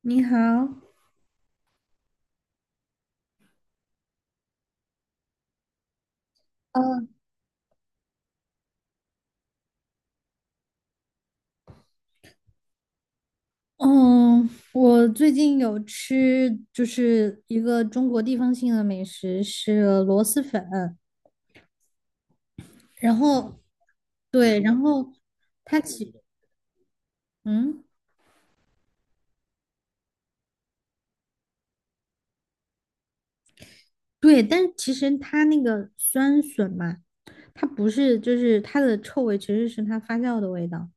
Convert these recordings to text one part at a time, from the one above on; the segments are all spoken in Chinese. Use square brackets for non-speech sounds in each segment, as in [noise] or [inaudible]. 你好。嗯。嗯，我最近有吃就是一个中国地方性的美食是螺蛳粉，然后对，然后它其嗯对，但其实它那个酸笋嘛，它不是就是它的臭味其实是它发酵的味道。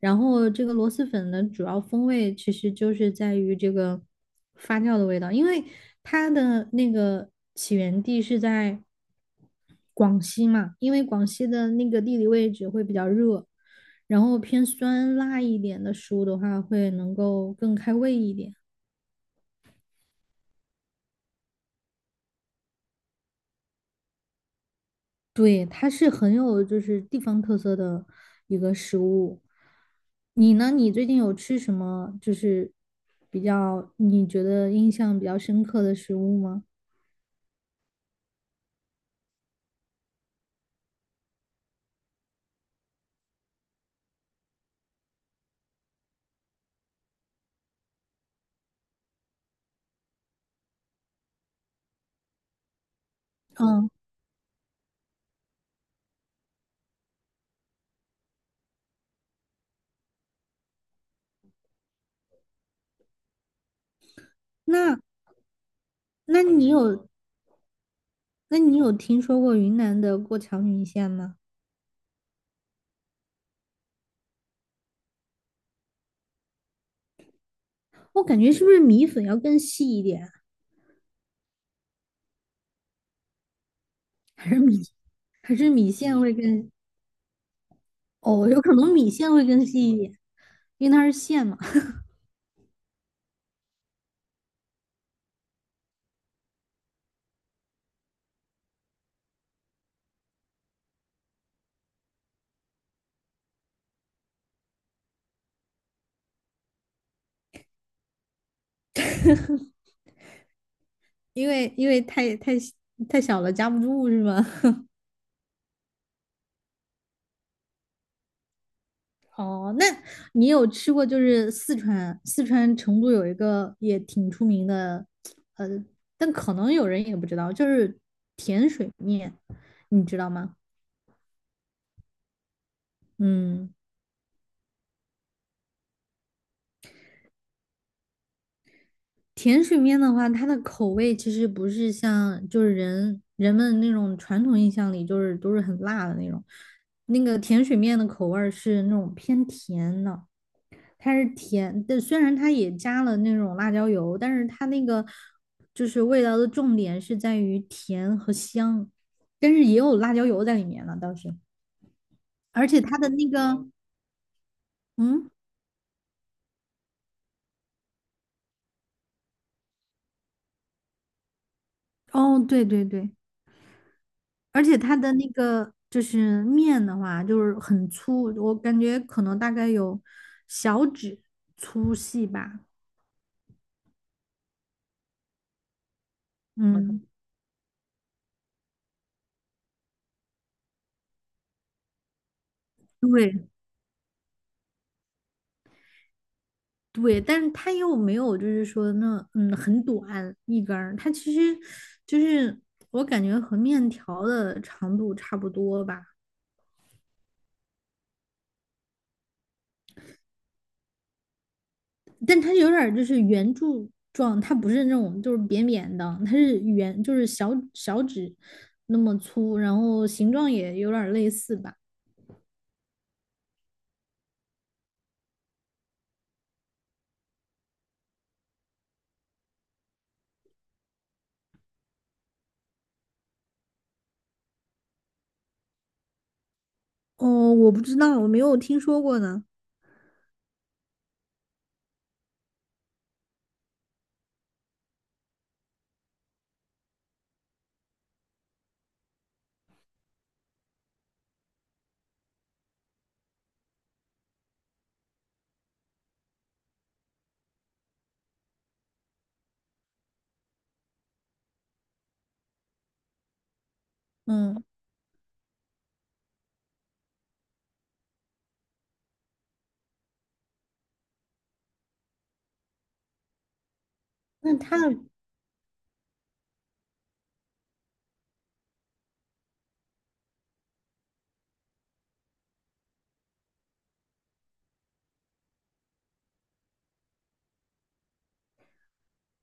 然后这个螺蛳粉的主要风味其实就是在于这个发酵的味道，因为它的那个起源地是在广西嘛，因为广西的那个地理位置会比较热，然后偏酸辣一点的食物的话，会能够更开胃一点。对，它是很有就是地方特色的一个食物。你呢？你最近有吃什么就是比较你觉得印象比较深刻的食物吗？嗯，那那你有那你有听说过云南的过桥米线吗？我感觉是不是米粉要更细一点，还是米还是米线会更？哦，有可能米线会更细一点，因为它是线嘛，[laughs] 因为太小了夹不住是吗？哦，那你有吃过就是四川成都有一个也挺出名的，呃，但可能有人也不知道，就是甜水面，你知道吗？嗯。甜水面的话，它的口味其实不是像就是人们那种传统印象里就是都是很辣的那种，那个甜水面的口味儿是那种偏甜的。它是甜的，虽然它也加了那种辣椒油，但是它那个就是味道的重点是在于甜和香，但是也有辣椒油在里面了倒是，而且它的那个。嗯。哦，对对对，而且它的那个就是面的话，就是很粗，我感觉可能大概有小指粗细吧。嗯。对，对，但是它又没有，就是说那很短一根儿，它其实就是我感觉和面条的长度差不多吧，但它有点儿就是圆柱状，它不是那种就是扁扁的，它是圆，就是小指那么粗，然后形状也有点儿类似吧。哦，我不知道，我没有听说过呢。嗯，那它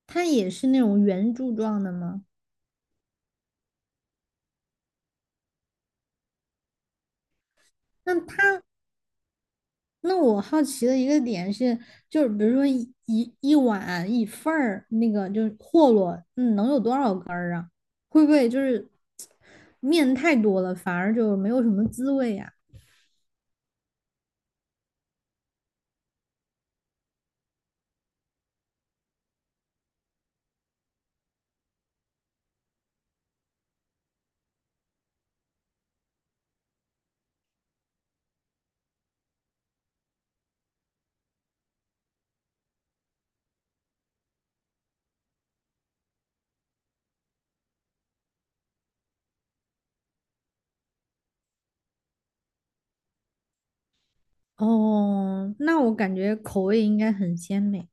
它也是那种圆柱状的吗？那它那我好奇的一个点是，就是比如说一碗一份儿那个就是霍洛，能有多少根儿啊？会不会就是面太多了，反而就没有什么滋味呀、哦，那我感觉口味应该很鲜美。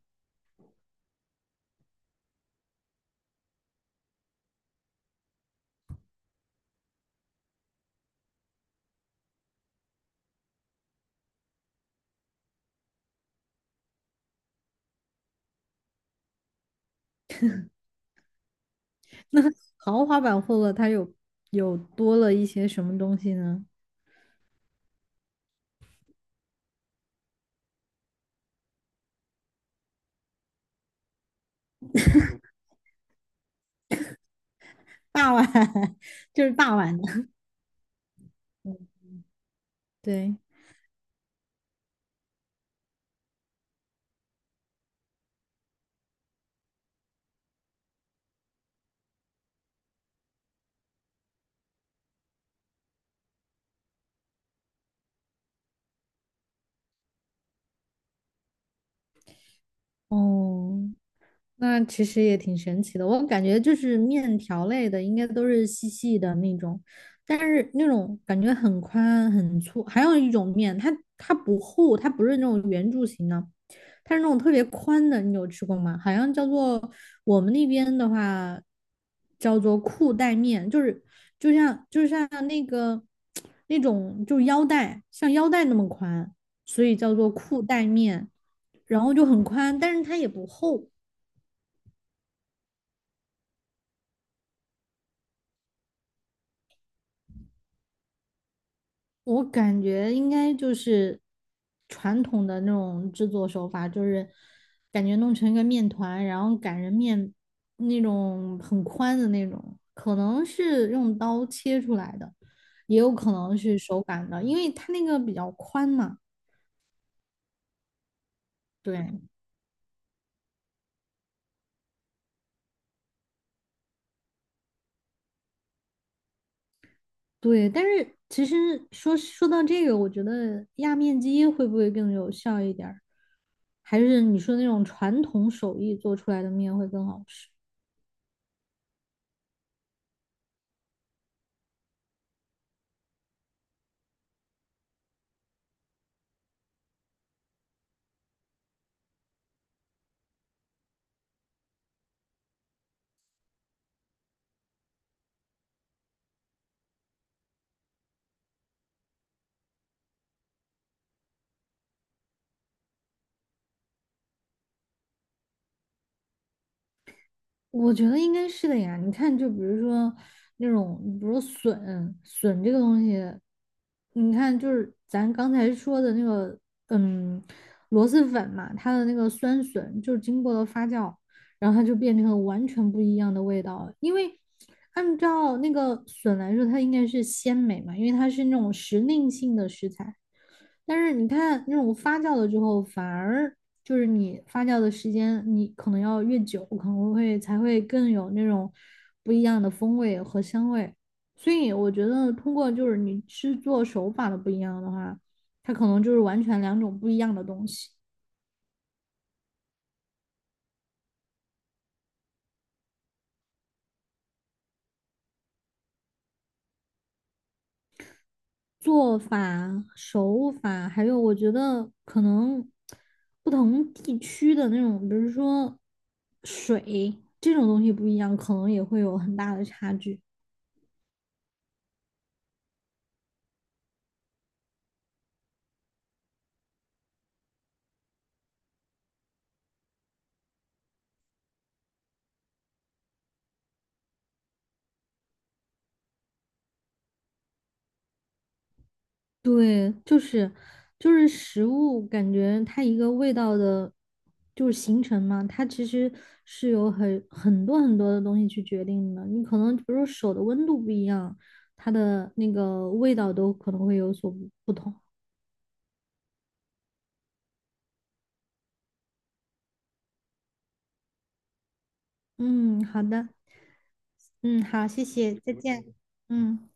[laughs] 那豪华版霍洛它有多了一些什么东西呢？大碗，[laughs] 就是大碗的，对，哦。那其实也挺神奇的，我感觉就是面条类的，应该都是细细的那种，但是那种感觉很宽很粗。还有一种面，它不厚，它不是那种圆柱形的，它是那种特别宽的。你有吃过吗？好像叫做我们那边的话叫做裤带面，就是就像那个 [tsk] 那种就是腰带，像腰带那么宽，所以叫做裤带面，然后就很宽，但是它也不厚。我感觉应该就是传统的那种制作手法，就是感觉弄成一个面团，然后擀成面那种很宽的那种，可能是用刀切出来的，也有可能是手擀的，因为它那个比较宽嘛。对对，但是其实说到这个，我觉得压面机会不会更有效一点儿？还是你说那种传统手艺做出来的面会更好吃？我觉得应该是的呀。你看，就比如说那种，比如说笋，笋这个东西，你看，就是咱刚才说的那个。嗯。螺蛳粉嘛，它的那个酸笋就是经过了发酵，然后它就变成了完全不一样的味道了，因为按照那个笋来说，它应该是鲜美嘛，因为它是那种时令性的食材。但是你看那种发酵了之后，反而就是你发酵的时间，你可能要越久，可能会才会更有那种不一样的风味和香味。所以我觉得，通过就是你制作手法的不一样的话，它可能就是完全两种不一样的东西。做法、手法，还有我觉得可能不同地区的那种，比如说水这种东西不一样，可能也会有很大的差距。对，就是食物，感觉它一个味道的，就是形成嘛，它其实是有很多很多的东西去决定的。你可能比如说手的温度不一样，它的那个味道都可能会有所不同。嗯，好的。嗯，好，谢谢，再见。嗯。